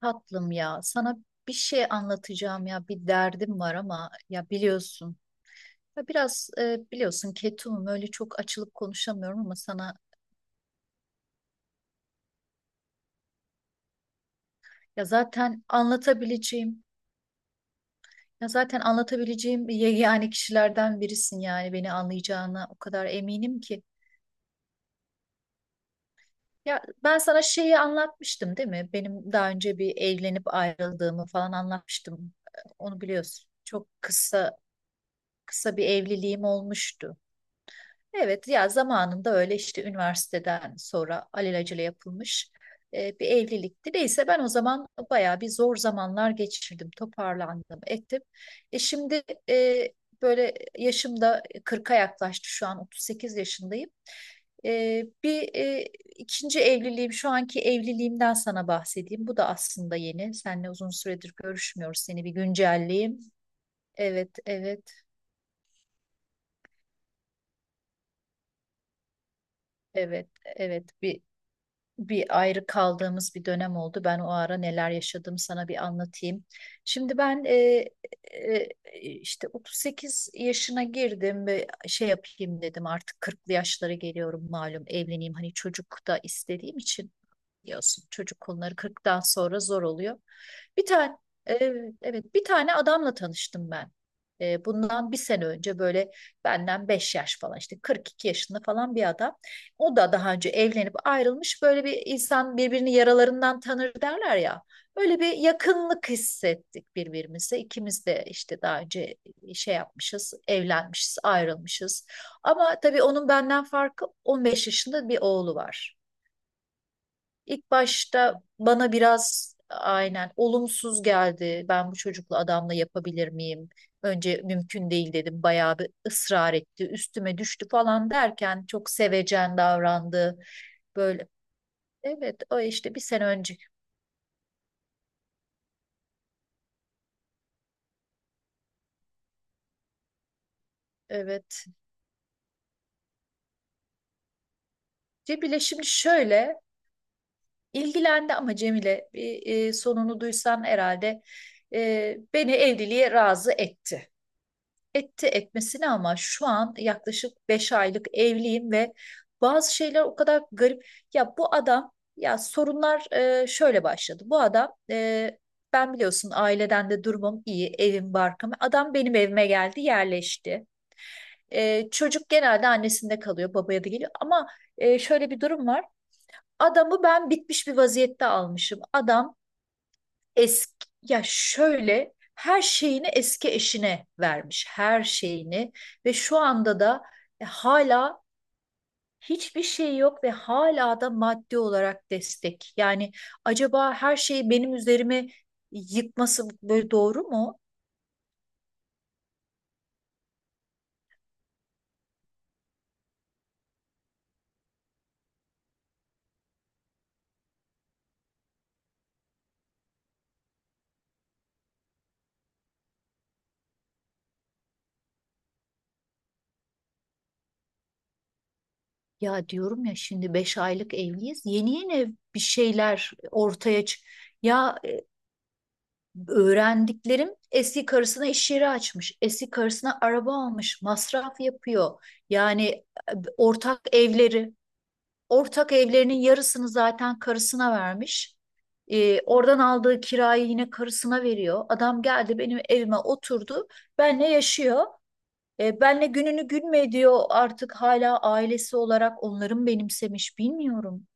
Tatlım ya, sana bir şey anlatacağım ya, bir derdim var ama ya biliyorsun, ya biraz biliyorsun ketumum öyle çok açılıp konuşamıyorum ama sana ya zaten anlatabileceğim, ya zaten anlatabileceğim yani kişilerden birisin yani beni anlayacağına o kadar eminim ki. Ya ben sana şeyi anlatmıştım değil mi? Benim daha önce bir evlenip ayrıldığımı falan anlatmıştım. Onu biliyorsun. Çok kısa bir evliliğim olmuştu. Evet, ya zamanında öyle işte üniversiteden sonra alelacele yapılmış bir evlilikti. Neyse ben o zaman bayağı bir zor zamanlar geçirdim, toparlandım, ettim. E şimdi e, böyle yaşımda 40'a yaklaştı, şu an 38 yaşındayım. E, bir e, ikinci evliliğim, şu anki evliliğimden sana bahsedeyim. Bu da aslında yeni. Seninle uzun süredir görüşmüyoruz. Seni bir güncelleyeyim. Evet, evet, evet, evet. Bir ayrı kaldığımız bir dönem oldu. Ben o ara neler yaşadığımı sana bir anlatayım. Şimdi ben e, işte 38 yaşına girdim ve şey yapayım dedim, artık 40'lı yaşlara geliyorum, malum evleneyim, hani çocuk da istediğim için. Biliyorsun çocuk konuları 40'tan sonra zor oluyor. Bir tane e, evet, bir tane adamla tanıştım ben. Bundan bir sene önce, böyle benden 5 yaş falan, işte 42 yaşında falan bir adam. O da daha önce evlenip ayrılmış. Böyle bir insan birbirini yaralarından tanır derler ya. Öyle bir yakınlık hissettik birbirimize. İkimiz de işte daha önce şey yapmışız, evlenmişiz, ayrılmışız. Ama tabii onun benden farkı, 15 yaşında bir oğlu var. İlk başta bana biraz aynen olumsuz geldi. Ben bu çocukla, adamla yapabilir miyim? Önce mümkün değil dedim. Bayağı bir ısrar etti. Üstüme düştü falan derken çok sevecen davrandı. Böyle, evet, o işte bir sene önce. Evet. Cemile, şimdi şöyle: ilgilendi ama Cemile, bir, sonunu duysan herhalde beni evliliğe razı etti. Etti, etmesine, ama şu an yaklaşık 5 aylık evliyim ve bazı şeyler o kadar garip. Ya bu adam ya sorunlar şöyle başladı. Bu adam, ben biliyorsun, aileden de durumum iyi, evim barkım. Adam benim evime geldi, yerleşti. Çocuk genelde annesinde kalıyor, babaya da geliyor. Ama şöyle bir durum var. Adamı ben bitmiş bir vaziyette almışım. Eski, ya şöyle, her şeyini eski eşine vermiş, her şeyini, ve şu anda da hala hiçbir şey yok ve hala da maddi olarak destek. Yani acaba her şeyi benim üzerime yıkması böyle doğru mu? Ya diyorum ya, şimdi 5 aylık evliyiz. Yeni yeni bir şeyler ortaya çık. Ya, öğrendiklerim: eski karısına iş yeri açmış, eski karısına araba almış, masraf yapıyor. Yani e, ortak evleri, ortak evlerinin yarısını zaten karısına vermiş. Oradan aldığı kirayı yine karısına veriyor. Adam geldi benim evime oturdu, benle yaşıyor. Benle gününü gün mü ediyor, artık hala ailesi olarak onların benimsemiş, bilmiyorum.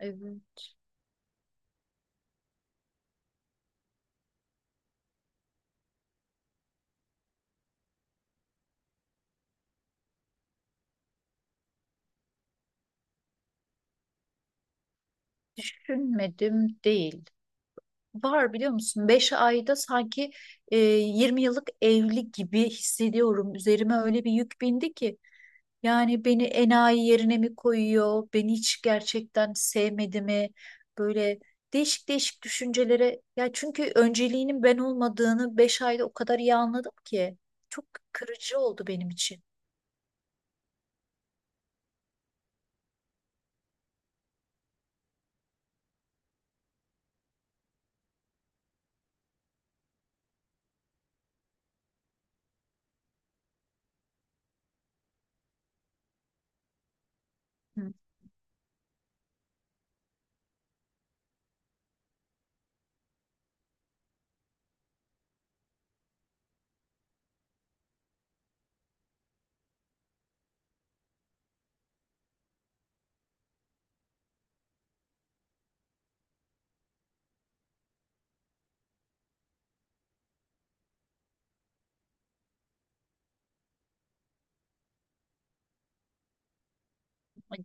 E, Düşünmedim değil. Var, biliyor musun? 5 ayda sanki 20 yıllık evli gibi hissediyorum. Üzerime öyle bir yük bindi ki. Yani beni enayi yerine mi koyuyor? Beni hiç gerçekten sevmedi mi? Böyle değişik değişik düşüncelere. Ya çünkü önceliğinin ben olmadığını 5 ayda o kadar iyi anladım ki. Çok kırıcı oldu benim için. Hı.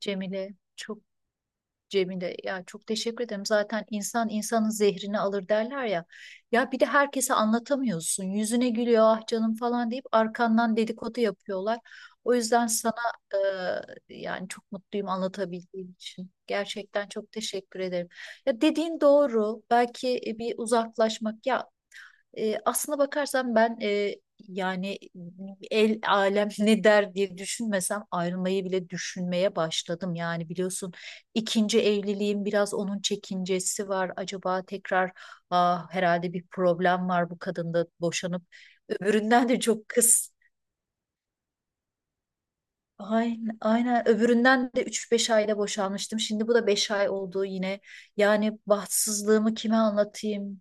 Cemile çok Cemile, ya çok teşekkür ederim. Zaten insan insanın zehrini alır derler ya. Ya bir de herkese anlatamıyorsun. Yüzüne gülüyor, ah canım falan deyip arkandan dedikodu yapıyorlar. O yüzden sana, yani çok mutluyum anlatabildiğim için. Gerçekten çok teşekkür ederim. Ya dediğin doğru. Belki bir uzaklaşmak, ya aslına bakarsan ben, yani el alem ne der diye düşünmesem ayrılmayı bile düşünmeye başladım. Yani biliyorsun ikinci evliliğim, biraz onun çekincesi var. Acaba tekrar, herhalde bir problem var bu kadında, boşanıp öbüründen de, çok kız. Aynen, aynen. Öbüründen de üç beş ayda boşanmıştım. Şimdi bu da 5 ay oldu yine. Yani bahtsızlığımı kime anlatayım?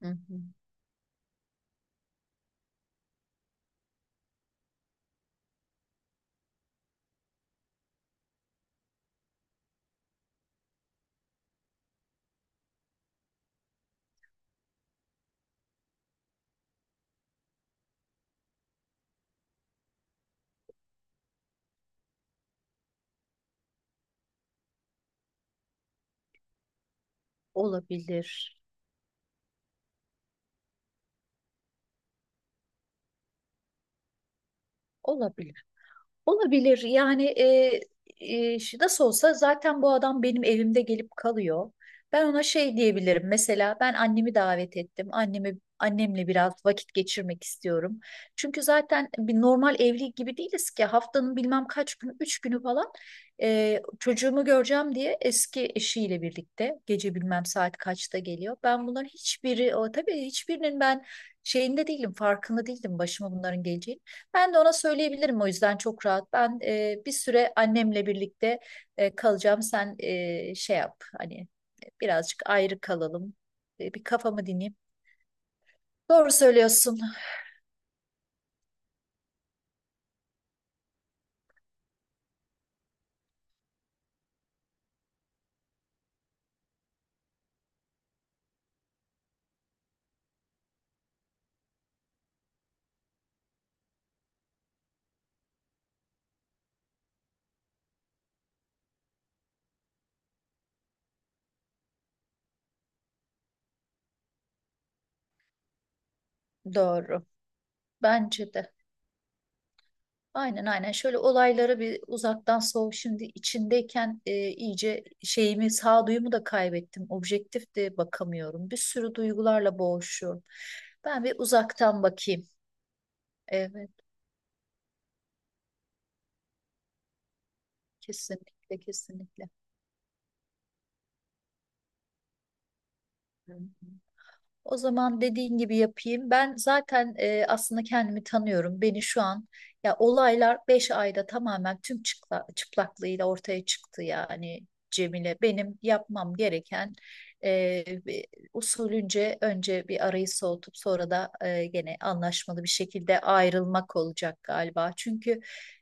Hı hı. Olabilir. Olabilir. Olabilir yani, nasıl olsa zaten bu adam benim evimde gelip kalıyor. Ben ona şey diyebilirim, mesela ben annemi davet ettim, Annemi annemle biraz vakit geçirmek istiyorum. Çünkü zaten bir normal evli gibi değiliz ki, haftanın bilmem kaç günü, üç günü falan, çocuğumu göreceğim diye eski eşiyle birlikte gece bilmem saat kaçta geliyor. Ben bunların hiçbiri, o tabii hiçbirinin ben şeyinde değilim, farkında değildim başıma bunların geleceğini. Ben de ona söyleyebilirim, o yüzden çok rahat. Ben bir süre annemle birlikte kalacağım. Sen şey yap hani, birazcık ayrı kalalım. Bir kafamı dinleyeyim. Doğru söylüyorsun. Doğru. Bence de. Aynen, aynen, şöyle olaylara bir uzaktan şimdi içindeyken iyice sağduyumu da kaybettim, objektif de bakamıyorum, bir sürü duygularla boğuşuyorum, ben bir uzaktan bakayım. Evet, kesinlikle, kesinlikle. O zaman dediğin gibi yapayım. Ben zaten, aslında kendimi tanıyorum. Beni şu an, ya olaylar 5 ayda tamamen tüm çıplaklığıyla ortaya çıktı yani Cemile. Benim yapmam gereken, e, bir- usulünce önce bir arayı soğutup, sonra da gene anlaşmalı bir şekilde ayrılmak olacak galiba. Çünkü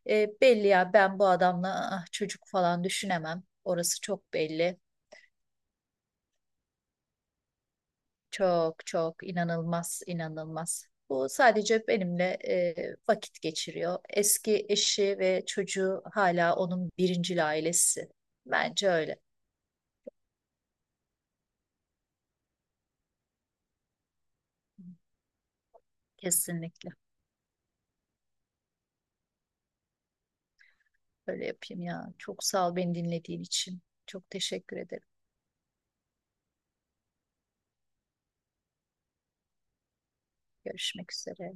belli ya, ben bu adamla, çocuk falan düşünemem. Orası çok belli. Çok çok inanılmaz, inanılmaz. Bu sadece benimle vakit geçiriyor. Eski eşi ve çocuğu hala onun birincil ailesi. Bence öyle. Kesinlikle. Öyle yapayım ya. Çok sağ ol beni dinlediğin için. Çok teşekkür ederim. Görüşmek üzere.